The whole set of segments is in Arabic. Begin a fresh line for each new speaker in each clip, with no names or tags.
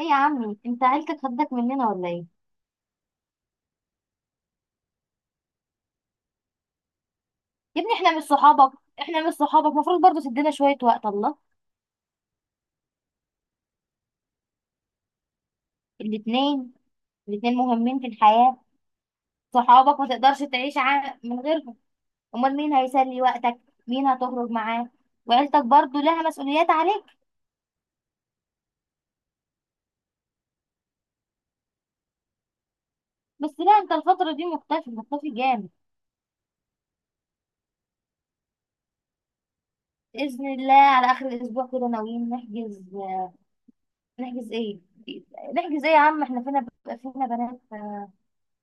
ايه يا عمي، انت عيلتك خدك مننا ولا ايه؟ يا ابني احنا مش صحابك. احنا مش صحابك، المفروض برضو تدينا شوية وقت. الله. الاتنين الاتنين مهمين في الحياة. صحابك ما تقدرش تعيش من غيرهم. امال مين هيسلي وقتك؟ مين هتخرج معاه؟ وعيلتك برضو لها مسؤوليات عليك. بس لا، انت الفترة دي مختفي، مختفي جامد. بإذن الله على آخر الأسبوع كده ناويين نحجز. نحجز ايه؟ نحجز ايه يا عم، احنا فينا بنات.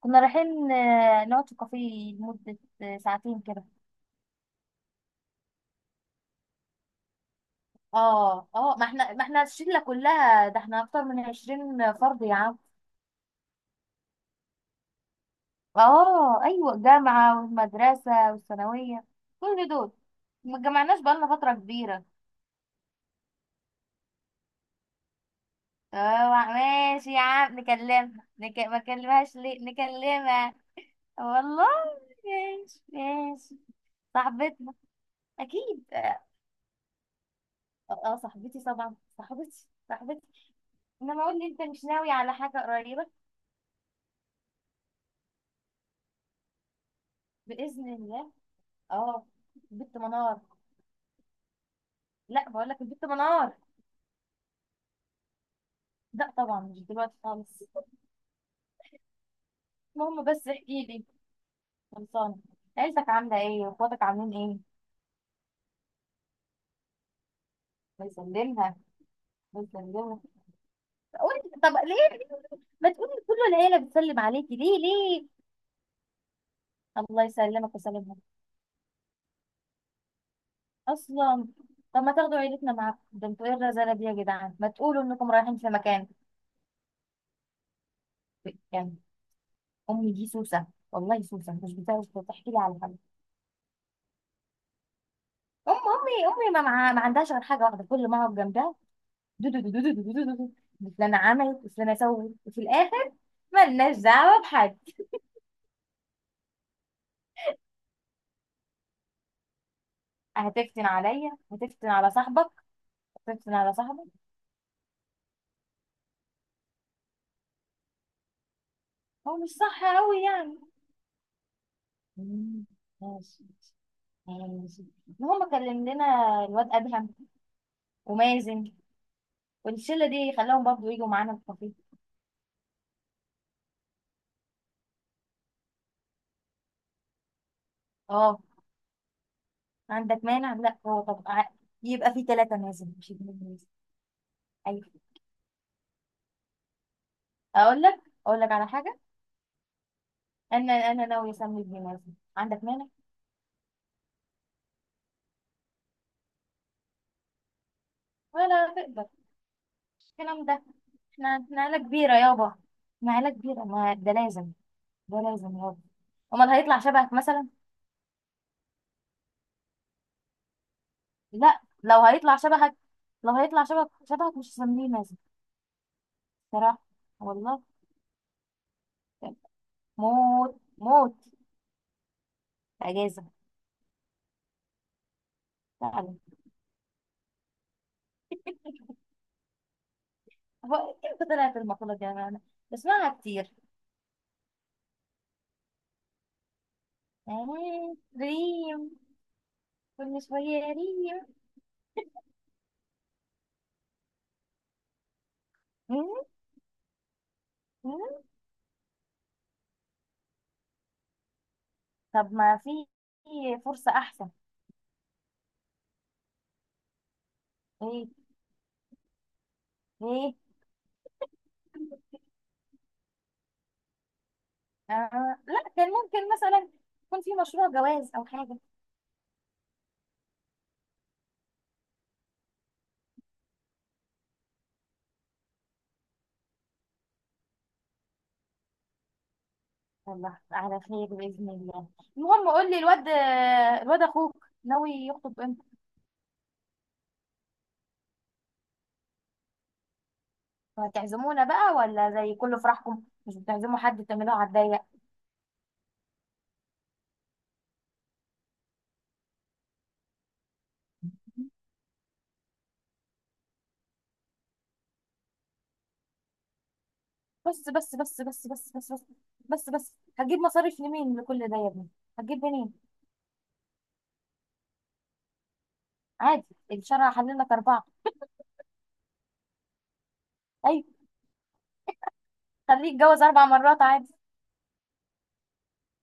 كنا رايحين نقعد في كافيه لمدة ساعتين كده. اه، ما احنا الشله كلها، ده احنا اكتر من 20 فرد يا عم. اه ايوه، جامعه والمدرسه والثانويه، كل دول. ما اتجمعناش بقالنا فتره كبيره. اه ماشي يا عم نكلمها، ما كلمهاش ليه؟ نكلمها. والله. ماشي ماشي. صاحبتنا. اكيد اه. صاحبتي طبعا، صاحبتي. انما اقول لي، انت مش ناوي على حاجه قريبه؟ باذن الله. اه. بنت منار. لا بقول لك البنت منار. لا طبعا، مش دلوقتي خالص. المهم بس احكي لي. خلصانة. عيلتك عاملة ايه؟ واخواتك عاملين ايه؟ بيسلمها. بيسلمها. قولي طب، ليه ليه؟ ما تقولي كل العيلة بتسلم عليكي، ليه ليه؟ الله يسلمك ويسلمها. اصلا. طب ما تاخدوا عيلتنا معاكم، ده انتوا ايه الرزالة دي يا جدعان، ما تقولوا انكم رايحين في مكان. يعني امي دي سوسة. والله سوسة، مش بتعرف تحكي لي على حاجة. ام امي امي ما, مع- ما عندهاش غير حاجة واحدة، كل ما اقعد جنبها: دو دو دو دو دو دو دو دو دو. فلانة عملت وفلانة سوت، وفي الآخر ملناش دعوة بحد. هتفتن عليا؟ هتفتن على صاحبك؟ هتفتن على صاحبك؟ هو مش صح أوي يعني؟ مم، ماشي. ماشي. المهم كلم لنا الواد أدهم ومازن والشلة دي، خلاهم برضو يجوا معانا الكافيه. اه عندك مانع؟ لا هو طب يبقى في ثلاثة مازن مش اتنين مازن. أيوة. أقول لك. أقول لك على حاجة. أنا ناوية أسمي ابني مازن، عندك مانع؟ ولا تقدر. الكلام ده. احنا عيلة كبيرة يابا. احنا عيلة كبيرة، ما ده لازم. ده لازم يابا. امال هيطلع شبهك مثلا؟ لا، لو هيطلع شبهك. لو هيطلع شبهك، شبهك مش هسميه مازن. صراحة. والله. موت موت. اجازة. فعلا. هو امتى طلعت المقولة دي؟ انا بسمعها كتير. آه، ريم. كل شوية ريم. مم، مم. طب ما في. فرصة احسن. ايه؟ ايه؟ آه. لا كان ممكن مثلا يكون في مشروع جواز او حاجة. يلا على خير بإذن الله. المهم قول لي الواد. أخوك ناوي يخطب امتى؟ هتعزمونا بقى؟ ولا زي كل فرحكم مش بتعزموا حد، تعملوها على الضيق؟ بس بس بس بس بس بس بس بس بس. هتجيب مصاريف لمين لكل ده يا ابني؟ هتجيب منين؟ عادي. الشرع حلل لك أربعة. أيوة. خليك اتجوز 4 مرات عادي،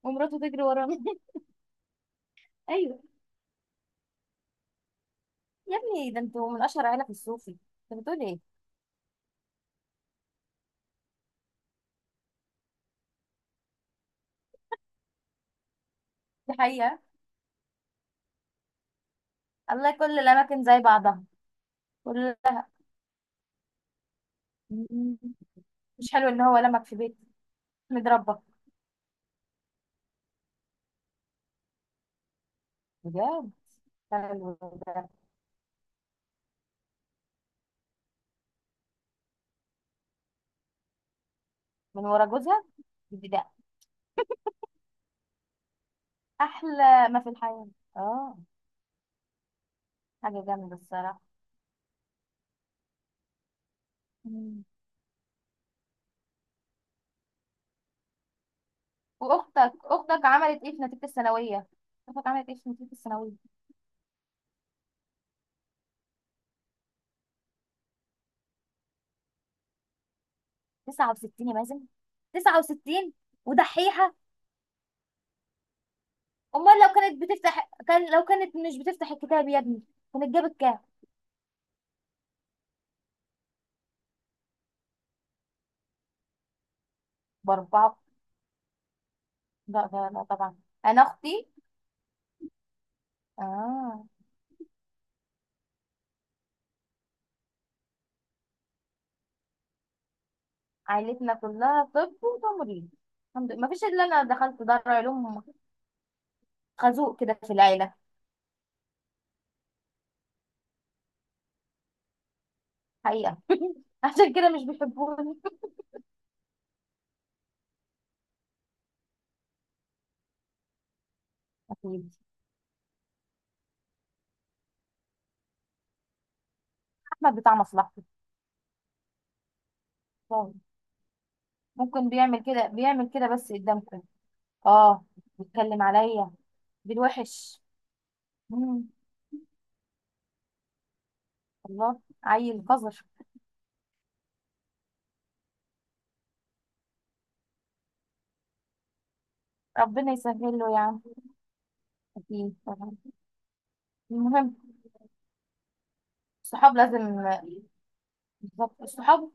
ومراته تجري ورانا. أيوة. يا ابني ده انتوا من أشهر عيلة في الصوفي، انت بتقول ايه؟ دي حقيقة. الله، كل الأماكن زي بعضها. كلها. مش حلو ان هو لمك في بيت، متربى؟ بجد. حلو ده. من ورا جوزها. دي ده احلى ما في الحياة. اه. حاجة جامدة الصراحة. مم. واختك، عملت ايه في نتيجة الثانوية؟ اختك عملت ايه في نتيجة الثانوية؟ 69 يا مازن. 69. ودحيحة. امال لو كانت بتفتح، كان، لو كانت مش بتفتح الكتاب يا ابني، كانت جابت كام؟ باربعة. لا لا لا طبعا. انا اختي، اه، عائلتنا كلها طب وتمريض. الحمد لله مفيش الا انا دخلت دار علوم. خازوق كده في العيله. حقيقه. عشان كده مش بيحبوني. اكيد. احمد بتاع مصلحته. طبعاً. ممكن. بيعمل كده بس قدامكم. اه. بيتكلم عليا بالوحش. مم. الله، عيل قذر. ربنا يسهل له يا عم. اكيد طبعاً. المهم. الصحاب لازم. بالظبط الصحاب.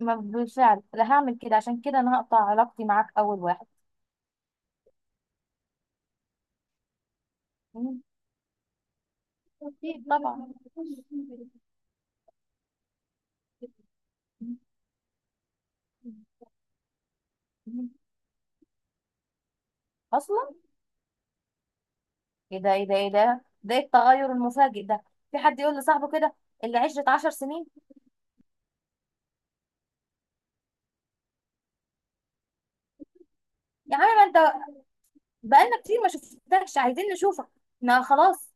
ما بالفعل لا هعمل كده، عشان كده انا هقطع علاقتي معاك اول واحد. أكيد طبعا. اصلا. ايه ده إيه التغير المفاجئ ده؟ في حد يقول لصاحبه كده؟ اللي 10 سنين. يا عم ما انت، بقالنا كتير ما شفتكش، عايزين نشوفك. ما خلاص.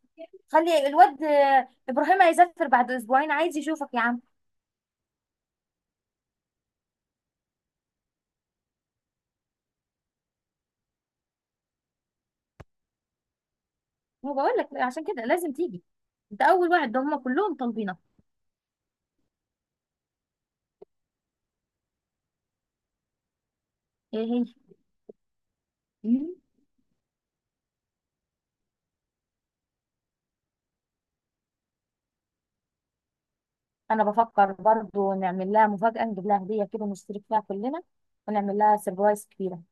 خلي الواد ابراهيم هيسافر بعد اسبوعين، عايز يشوفك يا عم. ما بقول لك عشان كده لازم تيجي. انت اول واحد، ده هم كلهم طالبينك. ايه هي؟ مم. انا بفكر برضو نعمل لها مفاجأة، نجيب لها هدية كده نشترك فيها كلنا، ونعمل لها سربرايز كبيرة.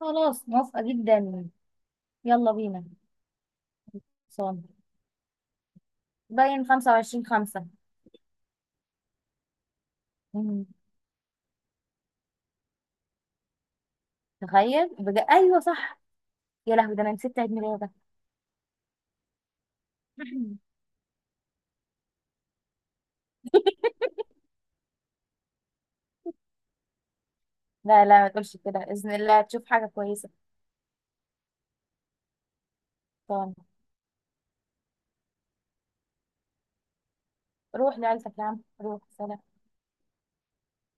خلاص موافقة جدا. يلا بينا. صون. باين 25/5. مم. تخيل. أيوة صح. يا لهوي، ده أنا نسيت عيد ميلادك. لا لا، ما تقولش كده، بإذن الله تشوف حاجة كويسة. صون. روح لعيلتك يا عم، روح. سلام.